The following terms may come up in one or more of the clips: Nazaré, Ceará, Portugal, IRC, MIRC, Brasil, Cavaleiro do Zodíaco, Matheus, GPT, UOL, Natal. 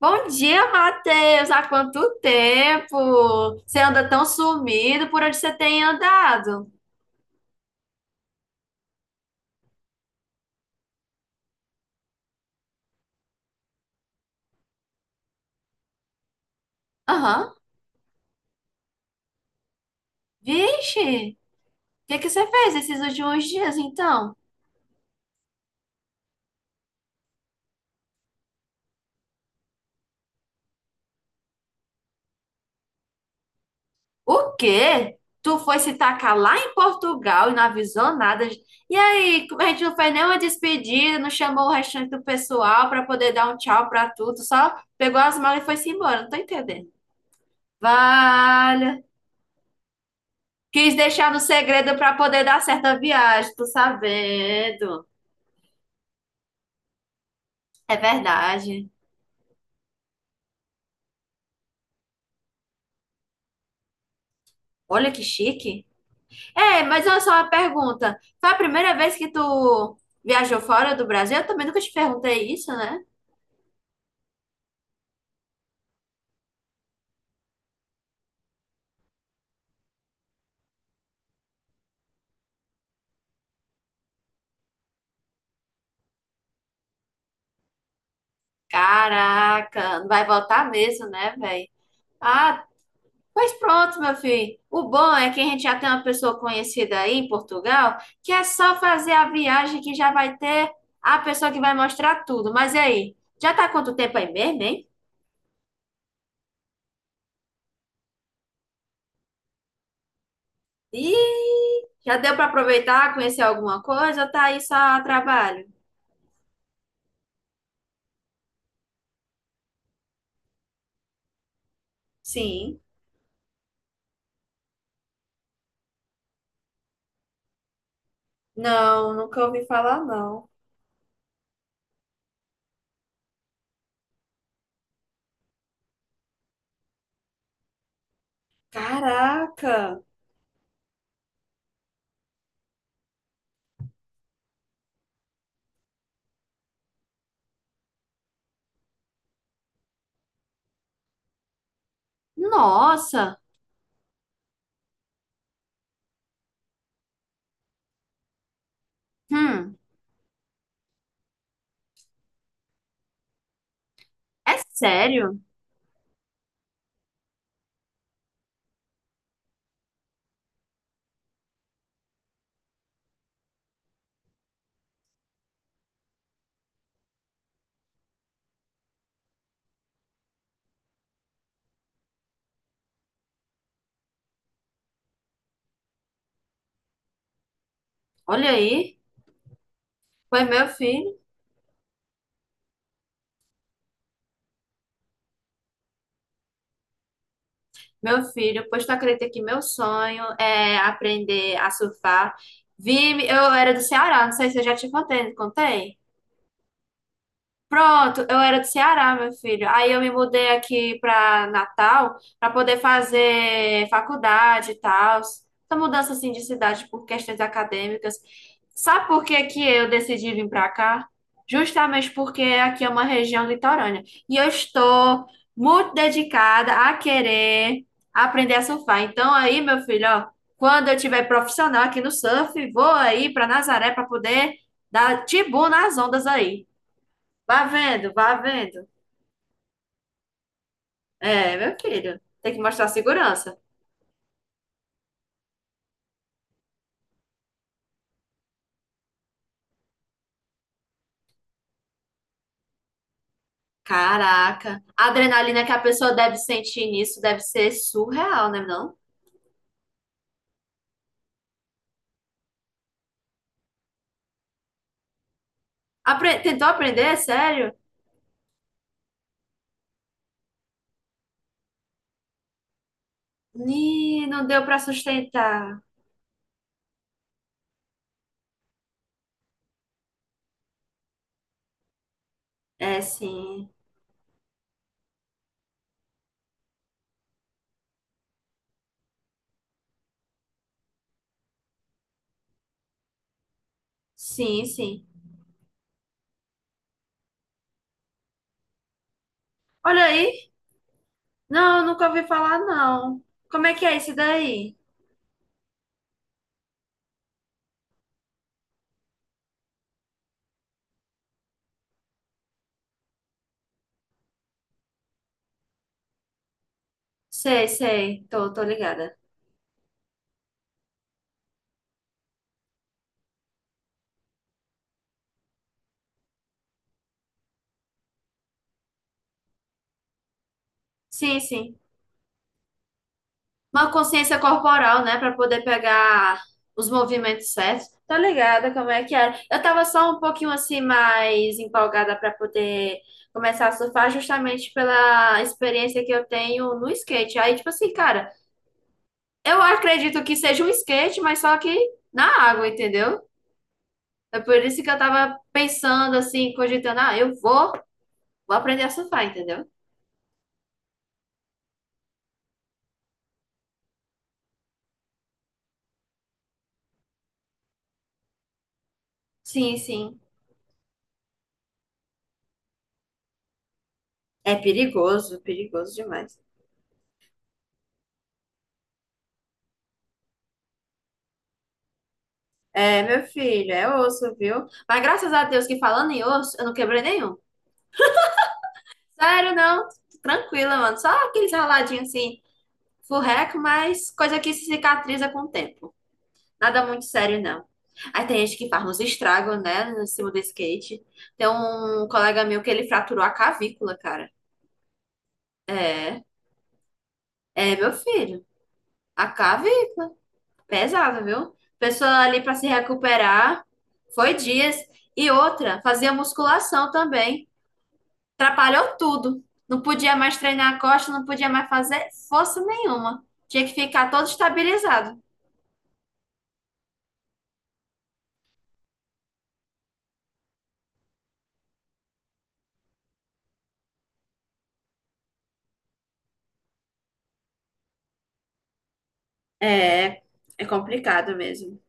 Bom dia, Matheus! Há quanto tempo? Você anda tão sumido, por onde você tem andado? Aham. Vixe! O que que você fez esses últimos dias, então? O quê? Tu foi se tacar lá em Portugal e não avisou nada? E aí, como a gente não fez nenhuma despedida, não chamou o restante do pessoal para poder dar um tchau para tudo, só pegou as malas e foi-se embora, não tô entendendo. Vale! Quis deixar no segredo para poder dar certa viagem, tô sabendo. É verdade. Olha que chique. É, mas olha só uma pergunta. Foi a primeira vez que tu viajou fora do Brasil? Eu também nunca te perguntei isso, né? Caraca, não vai voltar mesmo, né, velho? Ah, pois pronto, meu filho. O bom é que a gente já tem uma pessoa conhecida aí em Portugal, que é só fazer a viagem que já vai ter a pessoa que vai mostrar tudo. Mas e aí? Já tá há quanto tempo aí mesmo, hein? Ih, já deu pra aproveitar, conhecer alguma coisa ou tá aí só a trabalho? Sim. Não, nunca ouvi falar, não. Caraca! Nossa! Hum, é sério? Olha aí. Foi meu filho. Meu filho, pois tu acredita que meu sonho é aprender a surfar? Vi, eu era do Ceará, não sei se eu já te contei, não contei? Pronto, eu era do Ceará, meu filho. Aí eu me mudei aqui para Natal para poder fazer faculdade e tal. Essa mudança assim de cidade por questões acadêmicas. Sabe por que que eu decidi vir para cá? Justamente porque aqui é uma região litorânea e eu estou muito dedicada a querer aprender a surfar. Então aí, meu filho, ó, quando eu tiver profissional aqui no surf, vou aí para Nazaré para poder dar tibu nas ondas aí. Vá vendo, vá vendo. É, meu filho, tem que mostrar segurança. Caraca, a adrenalina que a pessoa deve sentir nisso deve ser surreal, né, não? Apre- Tentou aprender, sério? Ih, não deu pra sustentar. É, sim. Sim, sim. Olha aí. Não, nunca ouvi falar, não. Como é que é isso daí? Sei, sei. Tô, tô ligada. Sim, sim. Uma consciência corporal, né, para poder pegar os movimentos certos. Tá ligada como é que era? Eu tava só um pouquinho assim mais empolgada para poder começar a surfar justamente pela experiência que eu tenho no skate. Aí, tipo assim, cara, eu acredito que seja um skate, mas só que na água, entendeu? É por isso que eu tava pensando assim, cogitando, ah, eu vou, vou aprender a surfar, entendeu? Sim, sim. É perigoso, perigoso demais. É, meu filho, é osso, viu? Mas graças a Deus que falando em osso, eu não quebrei nenhum. Sério, não. Tranquila, mano. Só aqueles raladinhos assim, furreco, mas coisa que se cicatriza com o tempo. Nada muito sério, não. Aí tem gente que faz uns estragos, né, no cima do skate. Tem um colega meu que ele fraturou a cavícula, cara. É, é, meu filho. A cavícula pesada, viu? Pessoa ali pra se recuperar. Foi dias. E outra, fazia musculação também. Atrapalhou tudo. Não podia mais treinar a costa, não podia mais fazer força nenhuma. Tinha que ficar todo estabilizado. É, é complicado mesmo.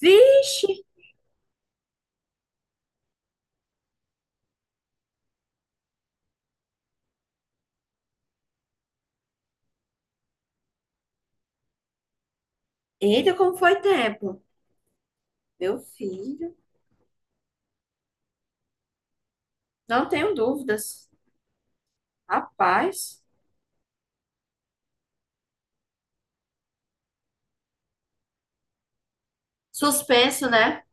Vixe! Eita, como foi tempo. Meu filho, não tenho dúvidas. Rapaz, suspenso, né?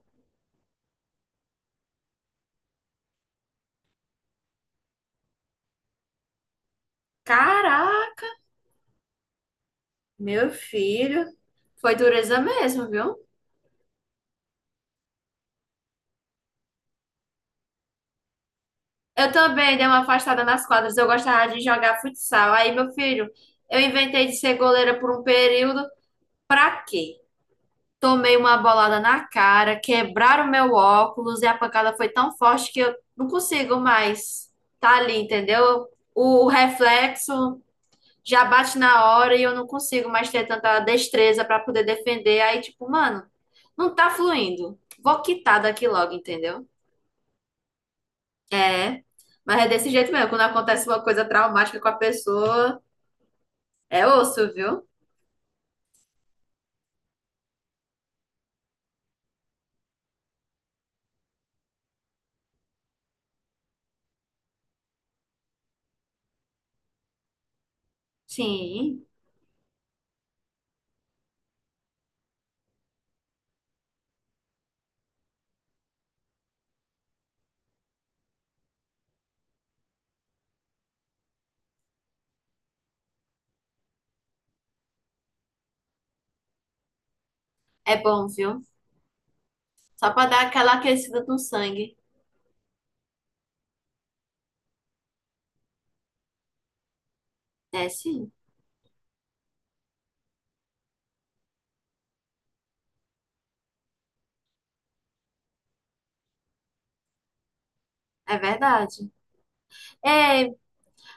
Caraca, meu filho, foi dureza mesmo, viu? Eu também dei uma afastada nas quadras. Eu gostava de jogar futsal. Aí, meu filho, eu inventei de ser goleira por um período. Pra quê? Tomei uma bolada na cara, quebraram meu óculos e a pancada foi tão forte que eu não consigo mais tá ali, entendeu? O reflexo já bate na hora e eu não consigo mais ter tanta destreza para poder defender. Aí, tipo, mano, não tá fluindo. Vou quitar daqui logo, entendeu? É, mas é desse jeito mesmo. Quando acontece uma coisa traumática com a pessoa, é osso, viu? Sim, é bom, viu? Só pra dar aquela aquecida no sangue. É, sim. É verdade. Ei,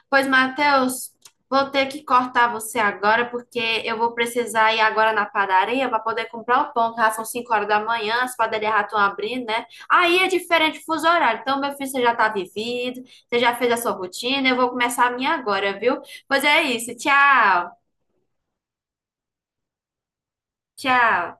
pois, Matheus, vou ter que cortar você agora, porque eu vou precisar ir agora na padaria para poder comprar o pão, que já são 5 horas da manhã, as padarias já estão abrindo, né? Aí é diferente o fuso horário. Então, meu filho, você já está vivido, você já fez a sua rotina, eu vou começar a minha agora, viu? Pois é isso. Tchau, tchau.